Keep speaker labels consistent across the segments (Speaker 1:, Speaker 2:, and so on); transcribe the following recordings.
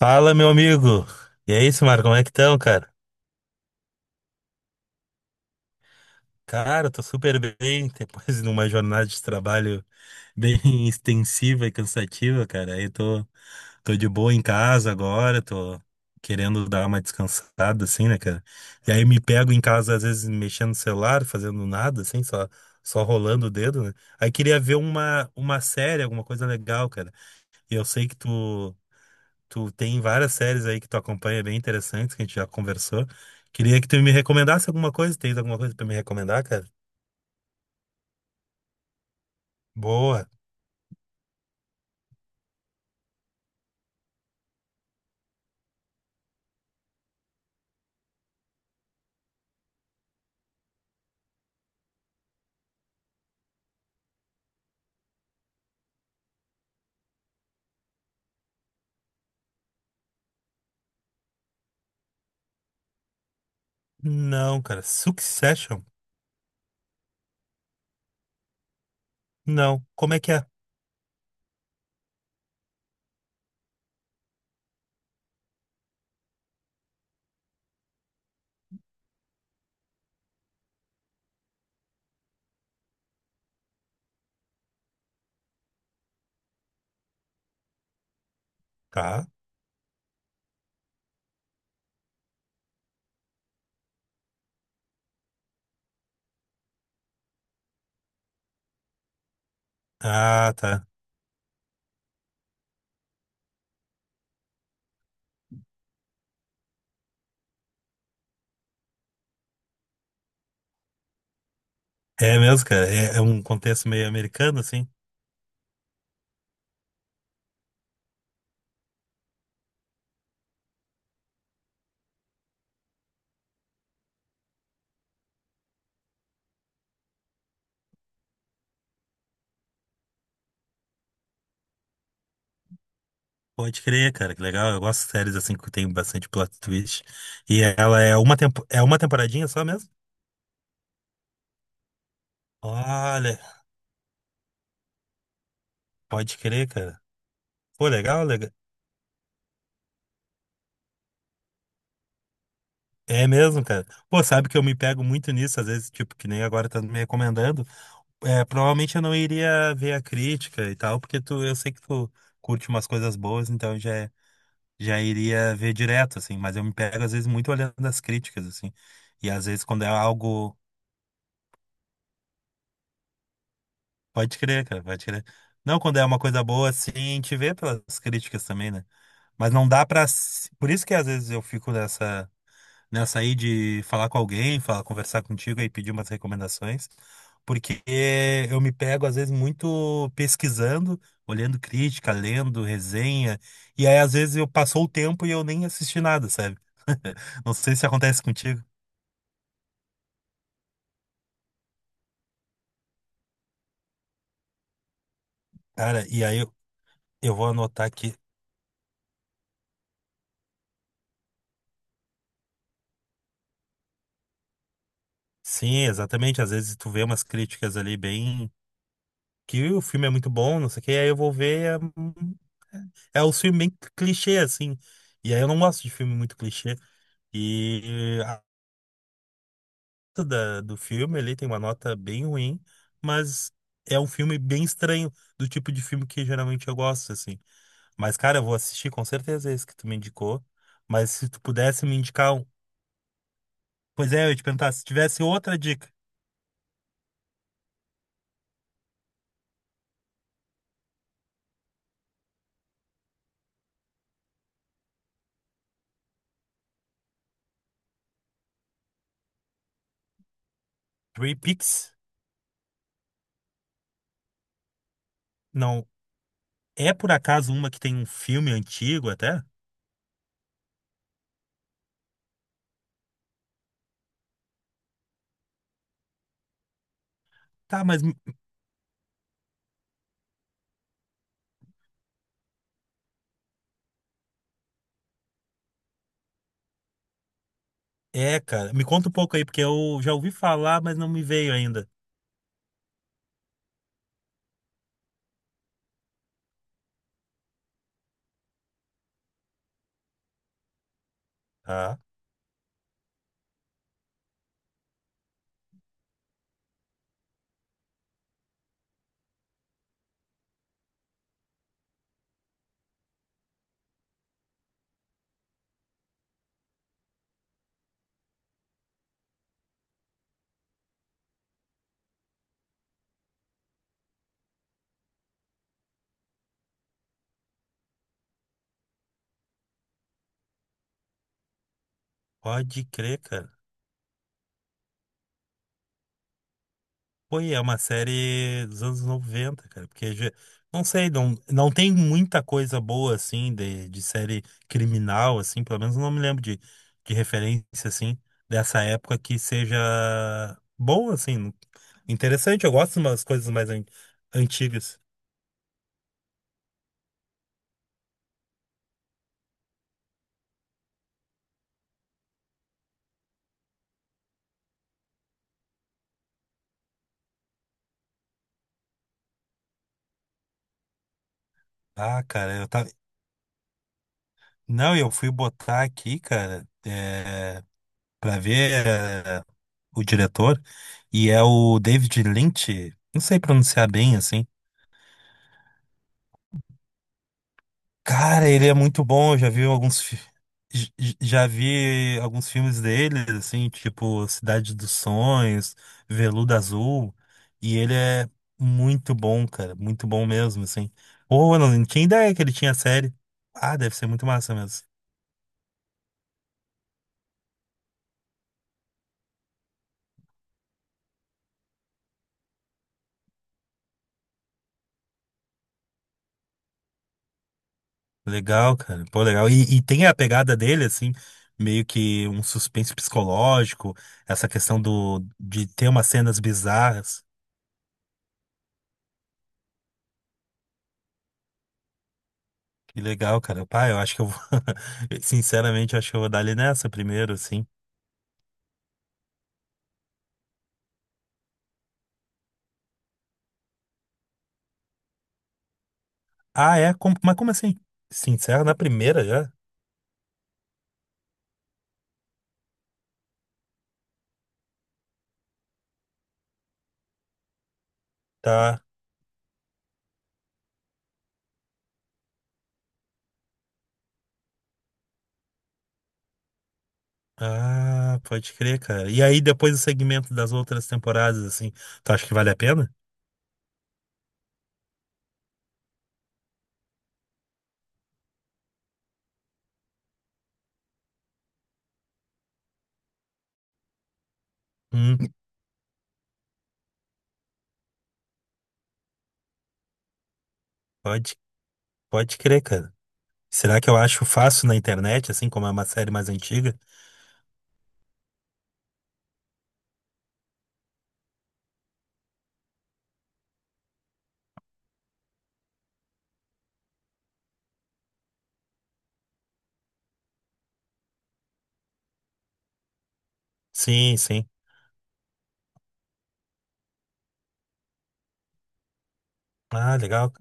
Speaker 1: Fala, meu amigo. E é isso, Marco, como é que estão, cara? Cara, eu tô super bem, depois de uma jornada de trabalho bem extensiva e cansativa, cara. Tô de boa em casa agora, tô querendo dar uma descansada, assim, né, cara? E aí me pego em casa, às vezes, mexendo no celular, fazendo nada, assim, só rolando o dedo, né? Aí queria ver uma série, alguma coisa legal, cara. E eu sei que tu. Tu tem várias séries aí que tu acompanha bem interessantes, que a gente já conversou. Queria que tu me recomendasse alguma coisa. Tens alguma coisa pra me recomendar, cara? Boa. Não, cara. Succession? Não. Como é que é? Tá. Ah, tá. É mesmo, cara. É, é um contexto meio americano, assim. Pode crer, cara. Que legal. Eu gosto de séries assim que tem bastante plot twist. E ela é uma, tempo... é uma temporadinha só mesmo? Olha, pode crer, cara. Pô, legal, legal. É mesmo, cara. Pô, sabe que eu me pego muito nisso, às vezes, tipo, que nem agora tá me recomendando. É, provavelmente eu não iria ver a crítica e tal, porque tu, eu sei que tu curte umas coisas boas, então eu já iria ver direto, assim, mas eu me pego às vezes muito olhando as críticas, assim. E às vezes quando é algo, pode crer, cara, pode crer. Não, quando é uma coisa boa, assim, a gente vê pelas críticas também, né? Mas não dá pra. Por isso que às vezes eu fico nessa Eu de falar com alguém, falar, conversar contigo e pedir umas recomendações, porque eu me pego às vezes muito pesquisando, olhando crítica, lendo resenha, e aí às vezes eu passou o tempo e eu nem assisti nada, sabe? Não sei se acontece contigo. Cara, e aí eu vou anotar aqui. Sim, exatamente, às vezes tu vê umas críticas ali bem que o filme é muito bom, não sei o que, aí eu vou ver é o filme bem clichê assim. E aí eu não gosto de filme muito clichê. E do filme ali, tem uma nota bem ruim, mas é um filme bem estranho, do tipo de filme que geralmente eu gosto, assim. Mas, cara, eu vou assistir com certeza é esse que tu me indicou. Mas se tu pudesse me indicar um. Pois é, eu ia te perguntar, se tivesse outra dica, Three Peaks, não. É por acaso uma que tem um filme antigo até? Tá, mas me- é, cara, me conta um pouco aí, porque eu já ouvi falar, mas não me veio ainda. Tá, pode crer, cara. Pô, e é uma série dos anos 90 cara, porque já- não sei, não tem muita coisa boa assim de série criminal assim, pelo menos eu não me lembro de referência assim dessa época que seja boa assim, interessante, eu gosto de umas coisas mais antigas. Ah, cara, eu tava Não, eu fui botar aqui, cara, é... para ver é, o diretor e é o David Lynch, não sei pronunciar bem assim. Cara, ele é muito bom, eu já vi alguns fi- j- j- já vi alguns filmes dele, assim, tipo Cidade dos Sonhos, Veludo Azul, e ele é muito bom, cara, muito bom mesmo, assim. Pô, eu não tinha ideia que ele tinha série. Ah, deve ser muito massa mesmo. Legal, cara. Pô, legal. E tem a pegada dele, assim, meio que um suspense psicológico, essa questão do de ter umas cenas bizarras. Que legal, cara. Pai, eu acho que eu vou. Sinceramente, eu acho que eu vou dar ali nessa primeiro, assim. Ah, é? Como- Mas como assim? Sincero, na primeira já? Tá. Ah, pode crer, cara. E aí depois o segmento das outras temporadas, assim. Tu acha que vale a pena? Hum, pode, pode crer, cara. Será que eu acho fácil na internet, assim, como é uma série mais antiga? Sim, sim. Ah, legal.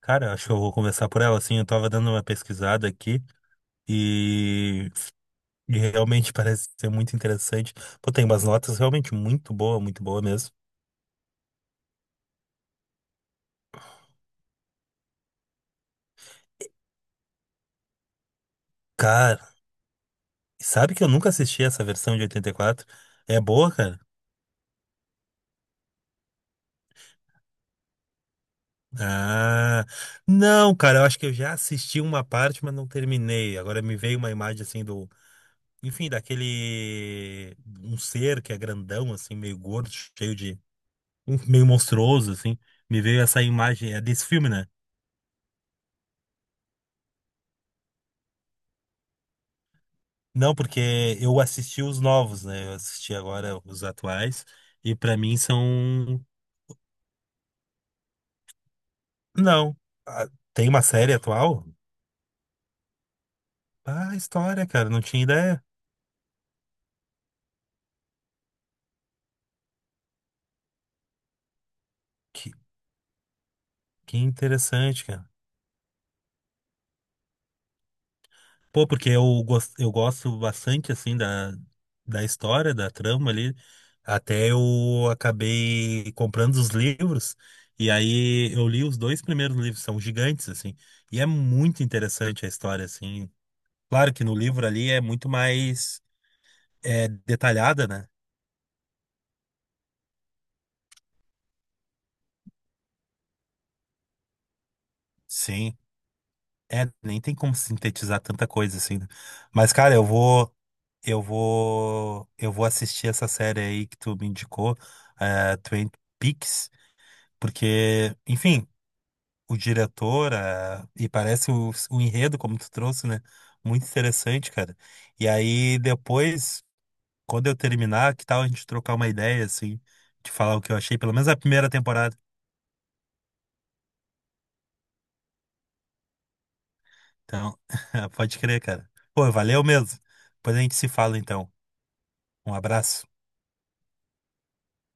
Speaker 1: Cara, eu acho que eu vou conversar por ela, assim. Eu tava dando uma pesquisada aqui. E E realmente parece ser muito interessante. Pô, tem umas notas realmente muito boa mesmo. Cara, sabe que eu nunca assisti essa versão de 84. É boa, cara? Ah, não, cara, eu acho que eu já assisti uma parte, mas não terminei. Agora me veio uma imagem assim do, enfim, daquele um ser que é grandão assim, meio gordo, cheio de meio monstruoso assim. Me veio essa imagem, é desse filme, né? Não, porque eu assisti os novos, né? Eu assisti agora os atuais e pra mim são não. Ah, Tem uma série atual? Ah, história, cara, não tinha ideia. Que, que interessante, cara. Pô, porque eu gosto bastante assim da história, da trama ali. Até eu acabei comprando os livros e aí eu li os dois primeiros livros, são gigantes assim. E é muito interessante a história assim. Claro que no livro ali é muito mais é detalhada, né? Sim. É, nem tem como sintetizar tanta coisa assim, né? Mas, cara, eu vou, eu vou, eu vou assistir essa série aí que tu me indicou, é, Twin Peaks, porque, enfim, o diretor, é, e parece o enredo, como tu trouxe, né? Muito interessante, cara. E aí, depois, quando eu terminar, que tal a gente trocar uma ideia, assim, de falar o que eu achei, pelo menos a primeira temporada. Então, pode crer, cara. Pô, valeu mesmo. Depois a gente se fala, então. Um abraço.